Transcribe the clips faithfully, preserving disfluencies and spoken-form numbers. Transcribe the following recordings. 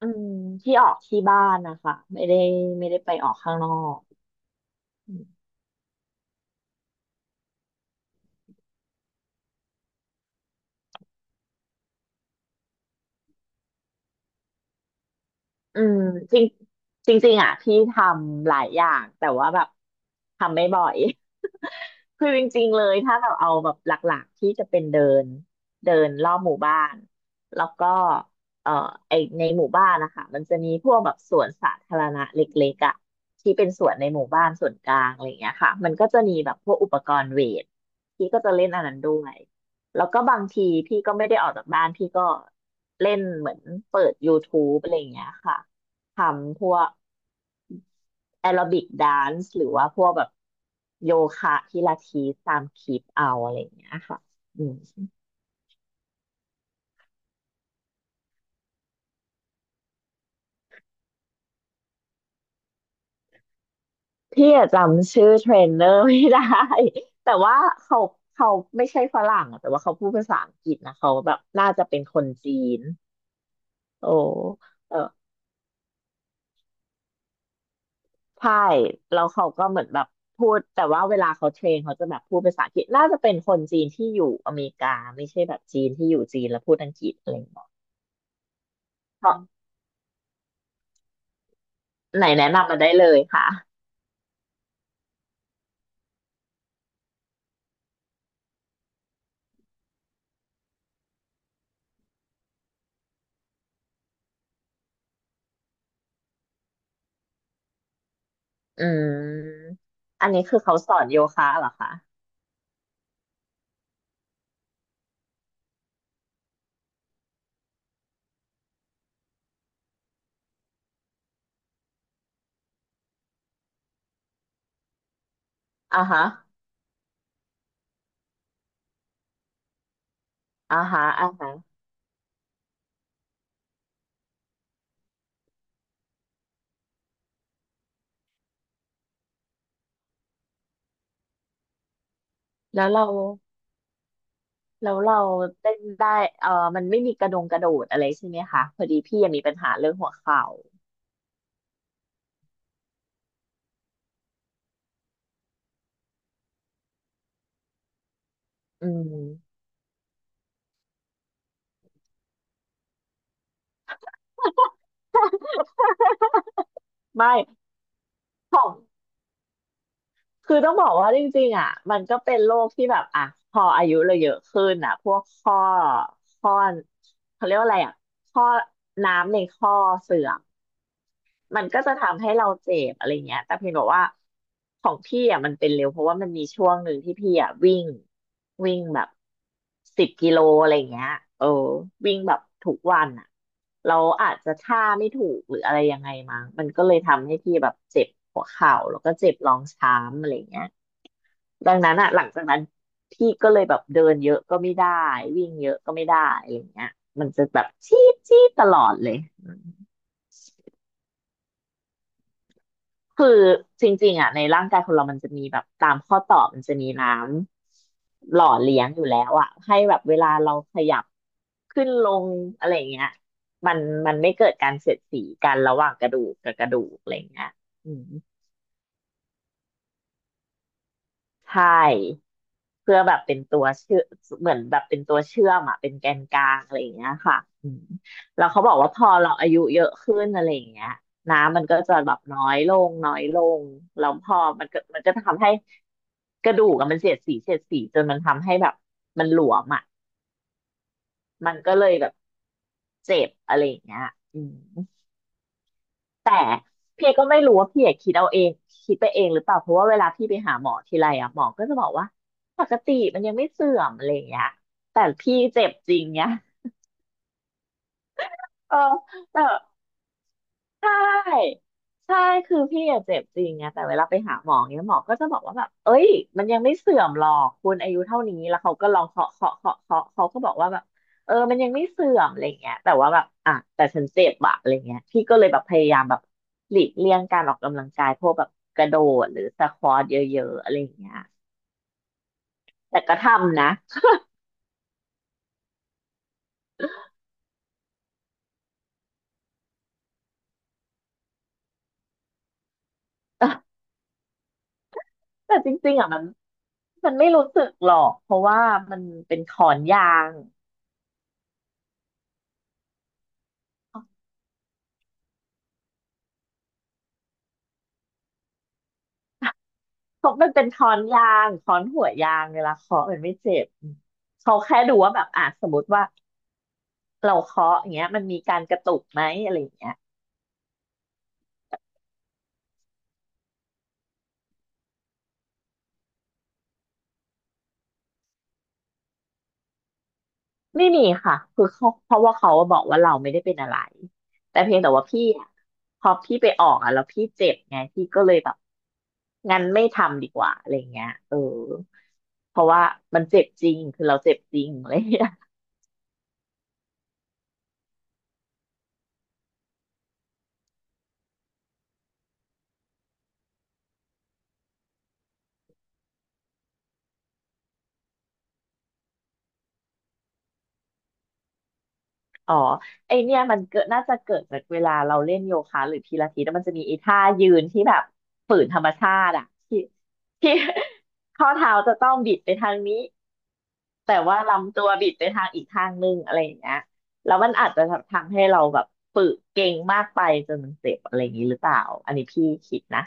อืมที่ออกที่บ้านนะคะไม่ได้ไม่ได้ไปออกข้างนอกอืมจริงจริงๆอ่ะพี่ทำหลายอย่างแต่ว่าแบบทำไม่บ่อย คือจริงๆเลยถ้าแบบเอาแบบหลักๆที่จะเป็นเดินเดินรอบหมู่บ้านแล้วก็เอ่อไอในหมู่บ้านนะคะมันจะมีพวกแบบสวนสาธารณะเล็กๆอ่ะที่เป็นสวนในหมู่บ้านส่วนกลางอะไรอย่างเงี้ยค่ะมันก็จะมีแบบพวกอุปกรณ์เวทพี่ก็จะเล่นอันนั้นด้วย แล้วก็บางทีพี่ก็ไม่ได้ออกจากบ้านพี่ก็เล่นเหมือนเปิด YouTube อะไรอย่างเงี้ยค่ะทำพวกแอโรบิกแดนซ์หรือว่าพวกแบบโยคะพิลาทิสตามคลิปเอาอะไรอย่างเงี้ยค่ะอืมพี่อะจำชื่อเทรนเนอร์ไม่ได้ แต่ว่าเขาเขาไม่ใช่ฝรั่งอะแต่ว่าเขาพูดภาษาอังกฤษนะเขาแบบน่าจะเป็นคนจีนโอ้ ใช่แล้วเขาก็เหมือนแบบพูดแต่ว่าเวลาเขาเทรนเขาจะแบบพูดภาษาอังกฤษน่าจะเป็นคนจีนที่อยู่อเมริกาไม่ใช่แบบจีนที่อยู่จีนแล้วพูดอังกฤษอะไรอย่างเงี้ยเพราะไหนแนะนำมาได้เลยค่ะอืมอันนี้คือเขาสอนโยคะเหรอคะอ่าฮะอ่าฮะอ่าฮะแล้วเราแล้วเราเต้นได้เออมันไม่มีกระดงกระโดดอะไรใช่ไหมคะพอดีพี่ยังมีปัญหาเรื่องหัวเข่าอืมไม่ คือต้องบอกว่าจริงๆอ่ะมันก็เป็นโรคที่แบบอ่ะพออายุเราเยอะขึ้นอ่ะพวกข้อข้อเขาเรียกว่าอะไรอ่ะข้อน้ำในข้อเสื่อมมันก็จะทำให้เราเจ็บอะไรเงี้ยแต่เพียงแต่ว่าของพี่อ่ะมันเป็นเร็วเพราะว่ามันมีช่วงหนึ่งที่พี่อ่ะวิ่งวิ่งแบบสิบกิโลอะไรเงี้ยเออวิ่งแบบทุกวันอ่ะเราอาจจะท่าไม่ถูกหรืออะไรยังไงมั้งมันก็เลยทำให้พี่แบบเจ็บหัวเข่าแล้วก็เจ็บรองช้ำอะไรเงี้ย ดังนั้นอะหลังจากนั้นพี่ก็เลยแบบเดินเยอะก็ไม่ได้วิ่งเยอะก็ไม่ได้อะไรอย่างเงี้ยมันจะแบบชี้ชี้ตลอดเลยืคือจริงๆอะในร่างกายคนเรามันจะมีแบบตามข้อต่อมันจะมีน้ำหล่อเลี้ยงอยู่แล้วอะให้แบบเวลาเราขยับขึ้นลงอะไรอย่างเงี้ยมันมันไม่เกิดการเสียดสีกันระหว่างกระดูกกับกระดูกอะไรอย่างเงี้ยอืม ใช่เพื่อแบบเป็นตัวเชื่อเหมือนแบบเป็นตัวเชื่อมอะเป็นแกนกลางอะไรอย่างเงี้ยค่ะอืมแล้วเขาบอกว่าพอเราอายุเยอะขึ้นอะไรอย่างเงี้ยน้ำมันก็จะแบบน้อยลงน้อยลงแล้วพอมันก็มันก็ทำให้กระดูกอะมันเสียดสีเสียดสีจนมันทำให้แบบมันหลวมอะมันก็เลยแบบเจ็บอะไรอย่างเงี้ยอืม แต่พี่ก็ไม่รู้ว่าพี่อะคิดเอาเองคิดไปเองหรือเปล่าเพราะว่าเวลาพี่ไปหาหมอทีไรอ่ะหมอก็จะบอกว่าปกติมันยังไม่เสื่อมอะไรอย่างเงี้ยแต่พี่เจ็บจริงเนี้ยเออแต่ ใช่ใช่คือพี่อะเจ็บจริงไงแต่เวลาไปหาหมอเนี้ยหมอก็จะบอกว่าแบบเอ้ยมันยังไม่เสื่อมหรอกคุณอายุเท่านี้แล้วเขาก็ลองเคาะเคาะเคาะเคาะเขาก็บอกว่าแบบเออมันยังไม่เสื่อมอะไรเงี้ยแต่ว่าแบบอ่ะแต่ฉันเจ็บอะอะไรเงี้ยพี่ก็เลยแบบพยายามแบบหลีกเลี่ยงการออกกำลังกายพวกแบบกระโดดหรือสควอทเยอะๆอะไรเงี้ยแต่ก็ทำนะ แต่จริงๆอ่ะมันมันไม่รู้สึกหรอกเพราะว่ามันเป็นขอนยาง เขามันเป็นค้อนยางค้อนหัวยางเวลาเคาะมันไม่เจ็บเขาแค่ดูว่าแบบอ่ะสมมติว่าเราเคาะอย่างเงี้ยมันมีการกระตุกไหมอะไรอย่างเงี้ยไม่มีค่ะคือเขาเพราะว่าเขาบอกว่าเราไม่ได้เป็นอะไรแต่เพียงแต่ว่าพี่อะพอพี่ไปออกอ่ะแล้วพี่เจ็บไงพี่ก็เลยแบบงั้นไม่ทำดีกว่าอะไรเงี้ยเออเพราะว่ามันเจ็บจริงคือเราเจ็บจริงอะไรเงี้ย อ๋อไอเนี่ยมันเกิดน่าจะเกิดจากเวลาเราเล่นโยคะหรือพิลาทิสแล้วมันจะมีไอ้ท่ายืนที่แบบฝืนธรรมชาติอะที่ที่ ข้อเท้าจะต้องบิดไปทางนี้แต่ว่าลำตัวบิดไปทางอีกทางนึงอะไรอย่างเงี้ยแล้วมันอาจจะทำให้เราแบบฝึกเก่งมากไปจนมันเจ็บอะไรอย่างนี้หรือเปล่าอันนี้พี่คิดนะ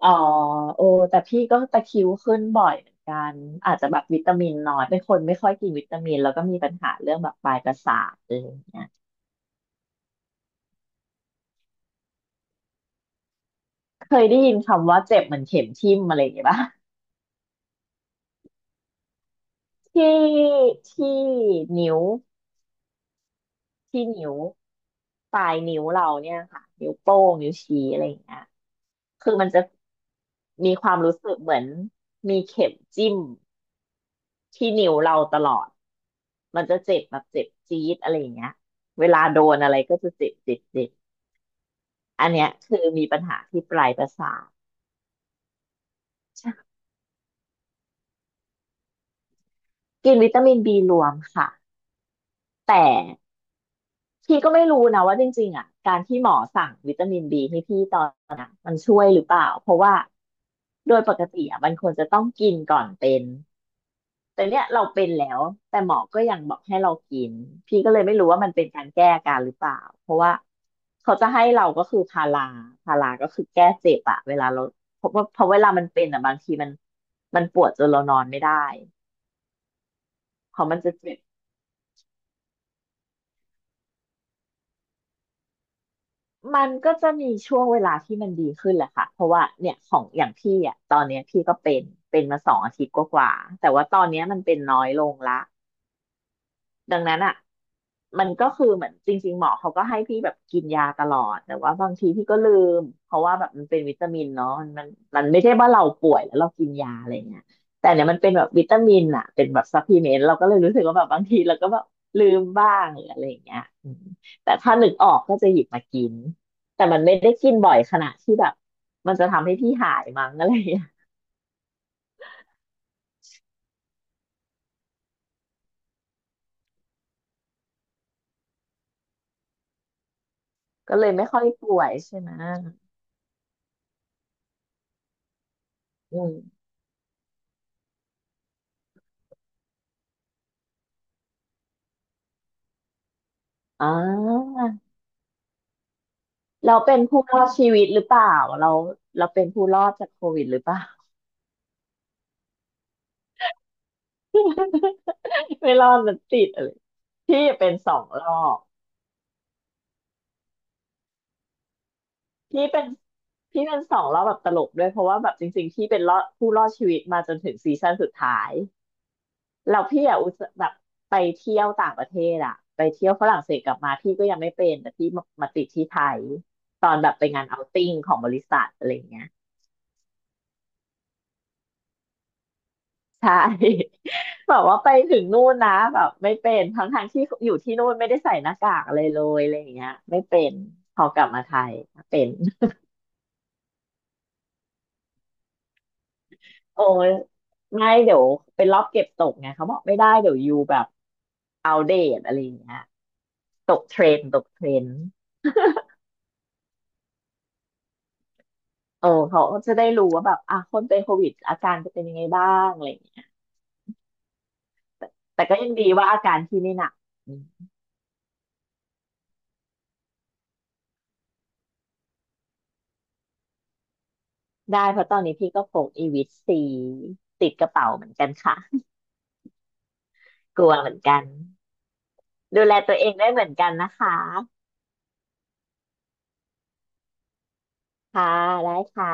อ๋อโอ้แต่พี่ก็ตะคริวขึ้นบ่อยเหมือนกันอาจจะแบบวิตามินน้อยเป็นคนไม่ค่อยกินวิตามินแล้วก็มีปัญหาเรื่องแบบปลายประสาทอะไรอย่างเงี้ย เคยได้ยินคำว่าเจ็บเหมือนเข็มทิ่มอะไรอย่างเงี้ยป่ะ ที่ที่นิ้วที่นิ้วปลายนิ้วเราเนี่ยค่ะนิ้วโป้งนิ้วชี้อะไรอย่างเงี้ยคือมันจะมีความรู้สึกเหมือนมีเข็มจิ้มที่นิ้วเราตลอดมันจะเจ็บแบบเจ็บจี๊ดอะไรอย่างเงี้ยเวลาโดนอะไรก็จะเจ็บเจ็บเจ็บอันเนี้ยคือมีปัญหาที่ปลายประสาทกินวิตามินบีรวมค่ะแต่ พี่ก็ไม่รู้นะว่าจริงๆอ่ะการที่หมอสั่งวิตามินบีให้พี่ตอนนั้นอะมันช่วยหรือเปล่าเพราะว่าโดยปกติอ่ะมันควรจะต้องกินก่อนเป็นแต่เนี้ยเราเป็นแล้วแต่หมอก็ยังบอกให้เรากินพี่ก็เลยไม่รู้ว่ามันเป็นการแก้อาการหรือเปล่าเพราะว่าเขาจะให้เราก็คือพาราพาราก็คือแก้เจ็บอะเวลาเราเพราะว่าเพราะเวลามันเป็นอ่ะบางทีมันมันปวดจนเรานอนไม่ได้เพราะมันจะเจ็บ มันก็จะมีช่วงเวลาที่มันดีขึ้นแหละค่ะ เพราะว่าเนี่ยของอย่างพี่อ่ะตอนเนี้ยพี่ก็เป็นเป็นมาสองอาทิตย์กว่าๆแต่ว่าตอนเนี้ยมันเป็นน้อยลงละ ดังนั้นอ่ะมันก็คือเหมือนจริงๆหมอเขาก็ให้พี่แบบกินยาตลอดแต่ว่าบางทีพี่ก็ลืมเพราะว่าแบบมันเป็นวิตามินเนาะมันมันมันไม่ใช่ว่าเราป่วยแล้วเรากินยาอะไรเงี้ยแต่เนี่ยมันเป็นแบบวิตามินอ่ะเป็นแบบซัพพลีเมนต์เราก็เลยรู้สึกว่าแบบบางทีเราก็แบบลืมบ้างหรืออะไรอย่างเงี้ยอืมแต่ถ้านึกออกก็จะหยิบมากินแต่มันไม่ได้กินบ่อยขนาดที่แบบมันจะทำให้พี่หายมั้งอะไรอย่างเงี้ยก็เลยไม่ค่อยป่วยใช่ไหมอืมอ๋อ เราเป็นผู้รอดชีวิตหรือเปล่าเราเราเป็นผู้รอดจากโควิดหรือเปล่า ไม่รอดมันติดอะไรพี่เป็นสองรอบพี่เป็นพี่เป็นสองรอบแบบตลกด้วยเพราะว่าแบบจริงๆพี่เป็นรอดผู้รอดชีวิตมาจนถึงซีซั่นสุดท้ายแล้วพี่อะอุตส่าห์แบบไปเที่ยวต่างประเทศอะไปเที่ยวฝรั่งเศสกลับมาพี่ก็ยังไม่เป็นแต่พี่มามาติดที่ไทยตอนแบบไปงานเอาติ้งของบริษัทอะไรอย่างเงี้ย ใช่ แบบว่าไปถึงนู่นนะแบบไม่เป็นทั้งทางที่อยู่ที่นู่นไม่ได้ใส่หน้ากากอะไรเลยอะไรอย่างเงี้ยไม่เป็นพอกลับมาไทยเป็น โอ้ยไม่เดี๋ยวเป็นรอบเก็บตกไงเขาบอกไม่ได้เดี๋ยวยูแบบเอาเดตอะไรอย่างเงี้ยตกเทรนด์ตกเทรนด์เออเขาก็จะได้รู้ว่าแบบอ่ะคนเป็นโควิดอาการจะเป็นยังไงบ้างอะไรอย่างเงี้ยแต่ก็ยังดีว่าอาการพี่ไม่หนักอืมได้เพราะตอนนี้พี่ก็พกอีวิตซีติดกระเป๋าเหมือนกันค่ะ กลัวเหมือนกันดูแลตัวเองได้เหมือนกันนะคะค่ะได้ค่ะ